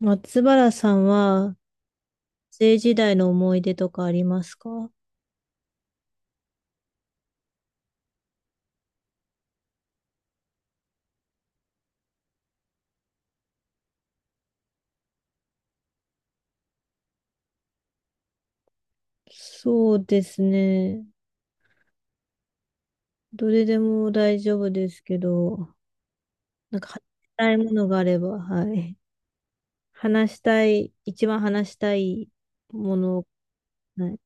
松原さんは、学生時代の思い出とかありますか？そうですね。どれでも大丈夫ですけど、なんか話したいものがあれば、はい。話したい、一番話したいもの、はい。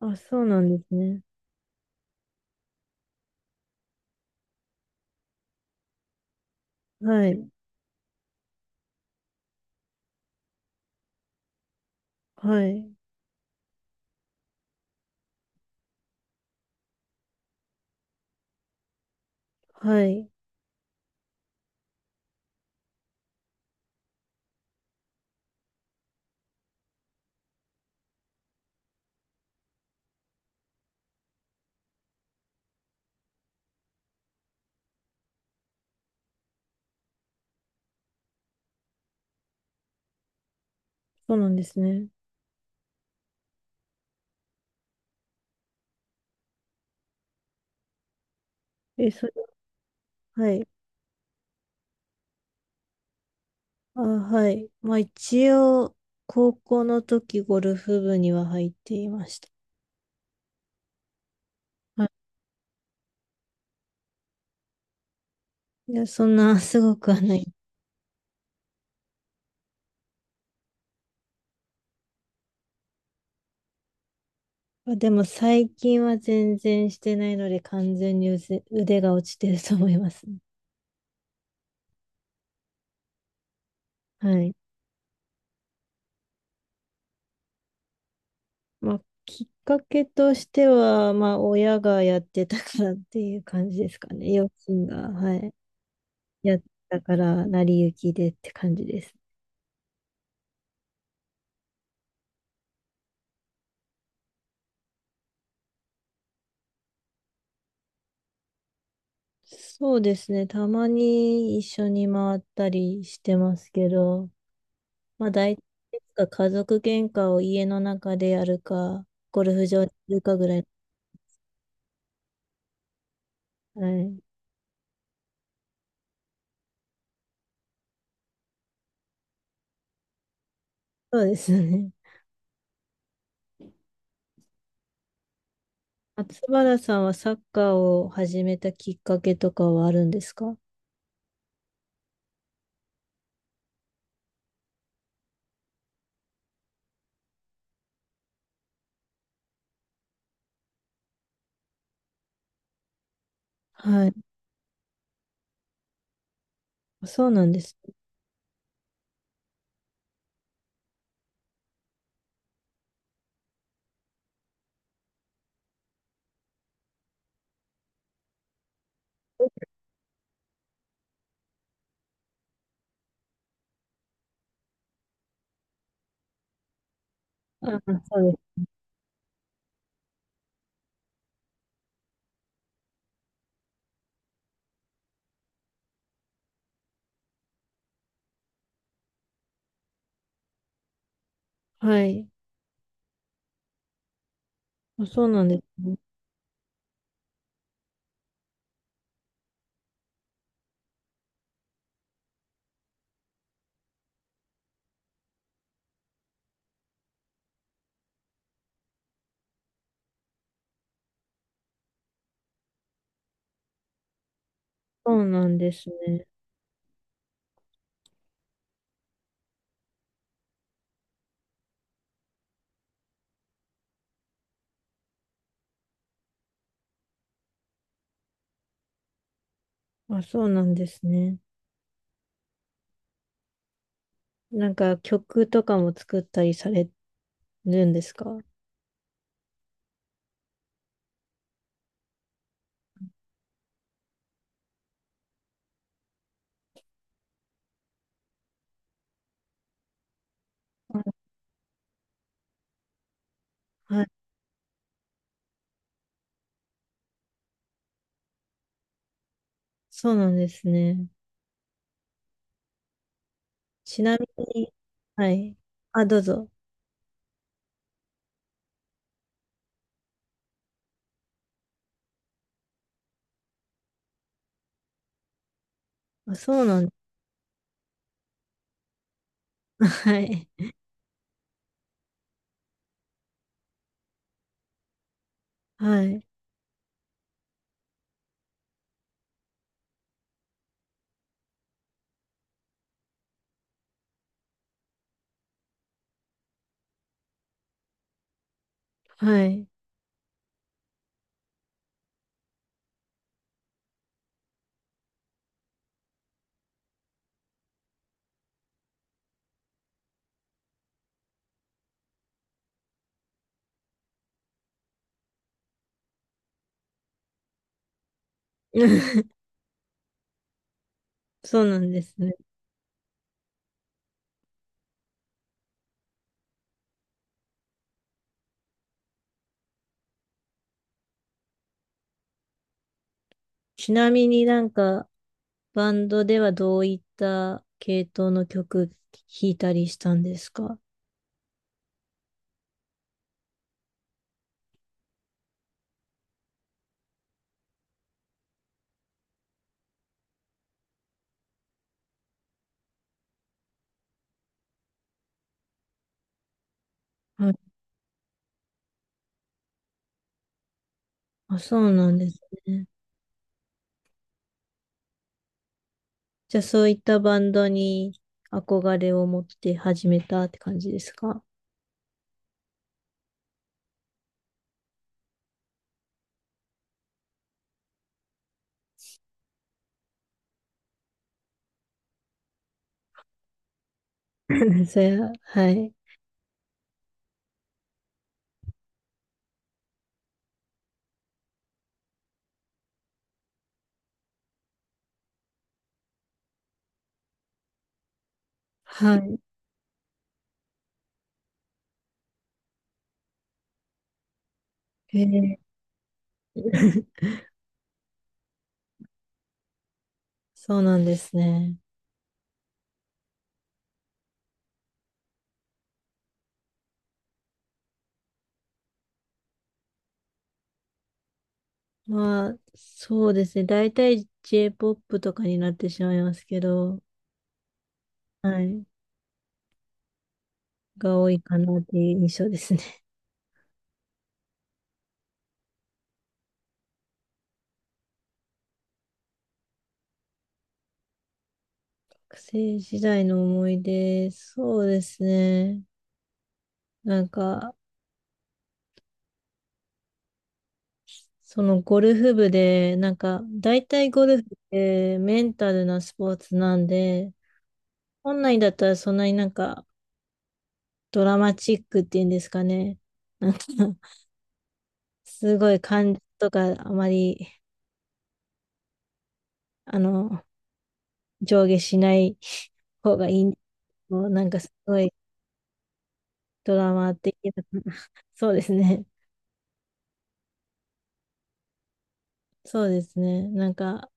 あ、そうなんですね。はい。はい。はい。そうなんですね。え、それ、はい。あ、はい。まあ一応、高校の時ゴルフ部には入っていました。はい。いや、そんなすごくはない。まあでも最近は全然してないので完全に腕が落ちてると思いますね。はい。まあ、きっかけとしては、まあ、親がやってたからっていう感じですかね。両親が、はい。やってたから、成り行きでって感じです。そうですね。たまに一緒に回ったりしてますけど、まあ、大体いつか家族喧嘩を家の中でやるか、ゴルフ場でやるかぐらい。はい。そうですよね。松原さんはサッカーを始めたきっかけとかはあるんですか？はい。そうなんです。あ、そうです。はい。あ、そうなんですね。そうなんですね。あ、そうなんですね。なんか曲とかも作ったりされるんですか？あはい。そうなんですね。ちなみに、はい。あ、どうぞ。あ、そうなん。 はい。はい。はい。そうなんですね。ちなみになんか、バンドではどういった系統の曲弾いたりしたんですか？はい。あ、そうなんですね。じゃあそういったバンドに憧れを持って始めたって感じですか？ それは、はい。はい。えー。 そうなんですね。まあ、そうですね。大体 J-POP とかになってしまいますけど、はい。が多いかなっていう印象ですね。学生時代の思い出、そうですね。なんか、そのゴルフ部で、なんか、大体ゴルフってメンタルなスポーツなんで、本来だったらそんなになんかドラマチックっていうんですかね。なんか、すごい感情とかあまり、あの、上下しない方がいいんですけどなんかすごいドラマ的な。そうですね。そうですね。なんか、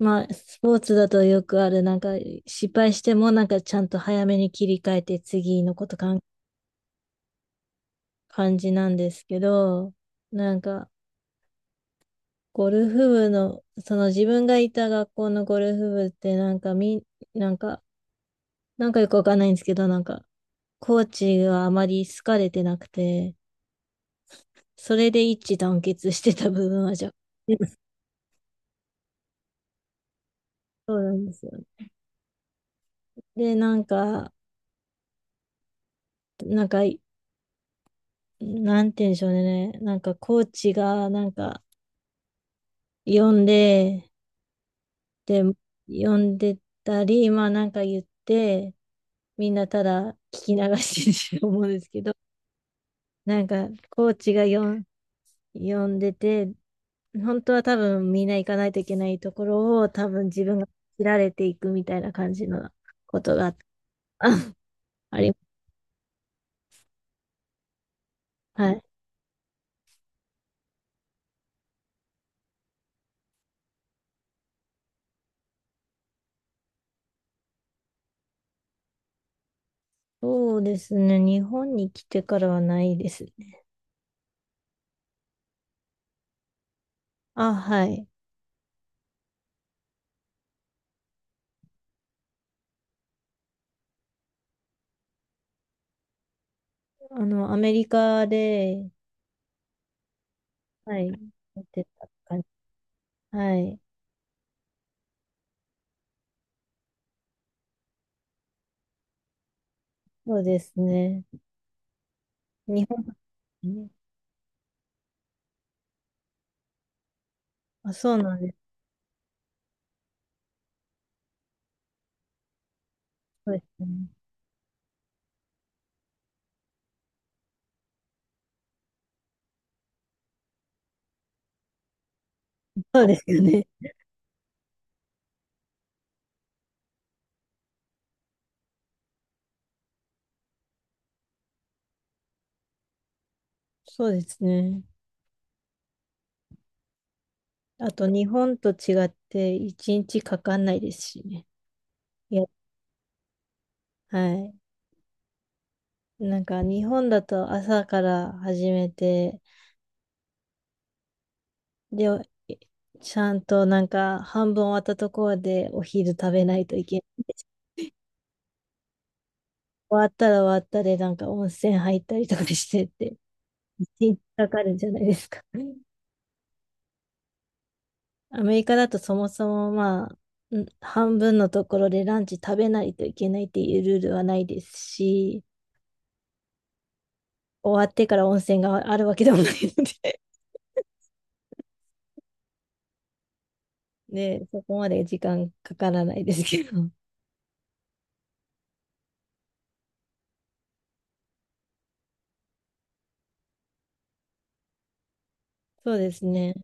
まあ、スポーツだとよくある、なんか、失敗しても、なんか、ちゃんと早めに切り替えて、次のこと感じなんですけど、なんか、ゴルフ部の、その自分がいた学校のゴルフ部ってなんかなんか、なんかよくわかんないんですけど、なんか、コーチがあまり好かれてなくて、それで一致団結してた部分は若干。 そうなんですよ。で、なんか、なんか、なんて言うんでしょうね。なんか、コーチが、なんか、呼んで、で、読んでたり、まあなんか言って、みんなただ聞き流してると思うんですけど、なんかコーチが読んでて、本当は多分みんな行かないといけないところを多分自分が切られていくみたいな感じのことがあった。 あり、はい。そうですね。日本に来てからはないですね。あ、はい。あの、アメリカで、はい、やってた感じ。はい。そうですね。日本、あ、そうなんです。そうですね。そうですよね。そうですね。あと、日本と違って、一日かかんないですしね。いや、はい。なんか、日本だと朝から始めて、で、えちゃんとなんか、半分終わったところでお昼食べないといけないです。終わったら終わったで、なんか温泉入ったりとかしてって、一日かかるんじゃないですか。アメリカだとそもそもまあ、半分のところでランチ食べないといけないっていうルールはないですし、終わってから温泉があるわけでもないのでね そこまで時間かからないですけど。そうですね。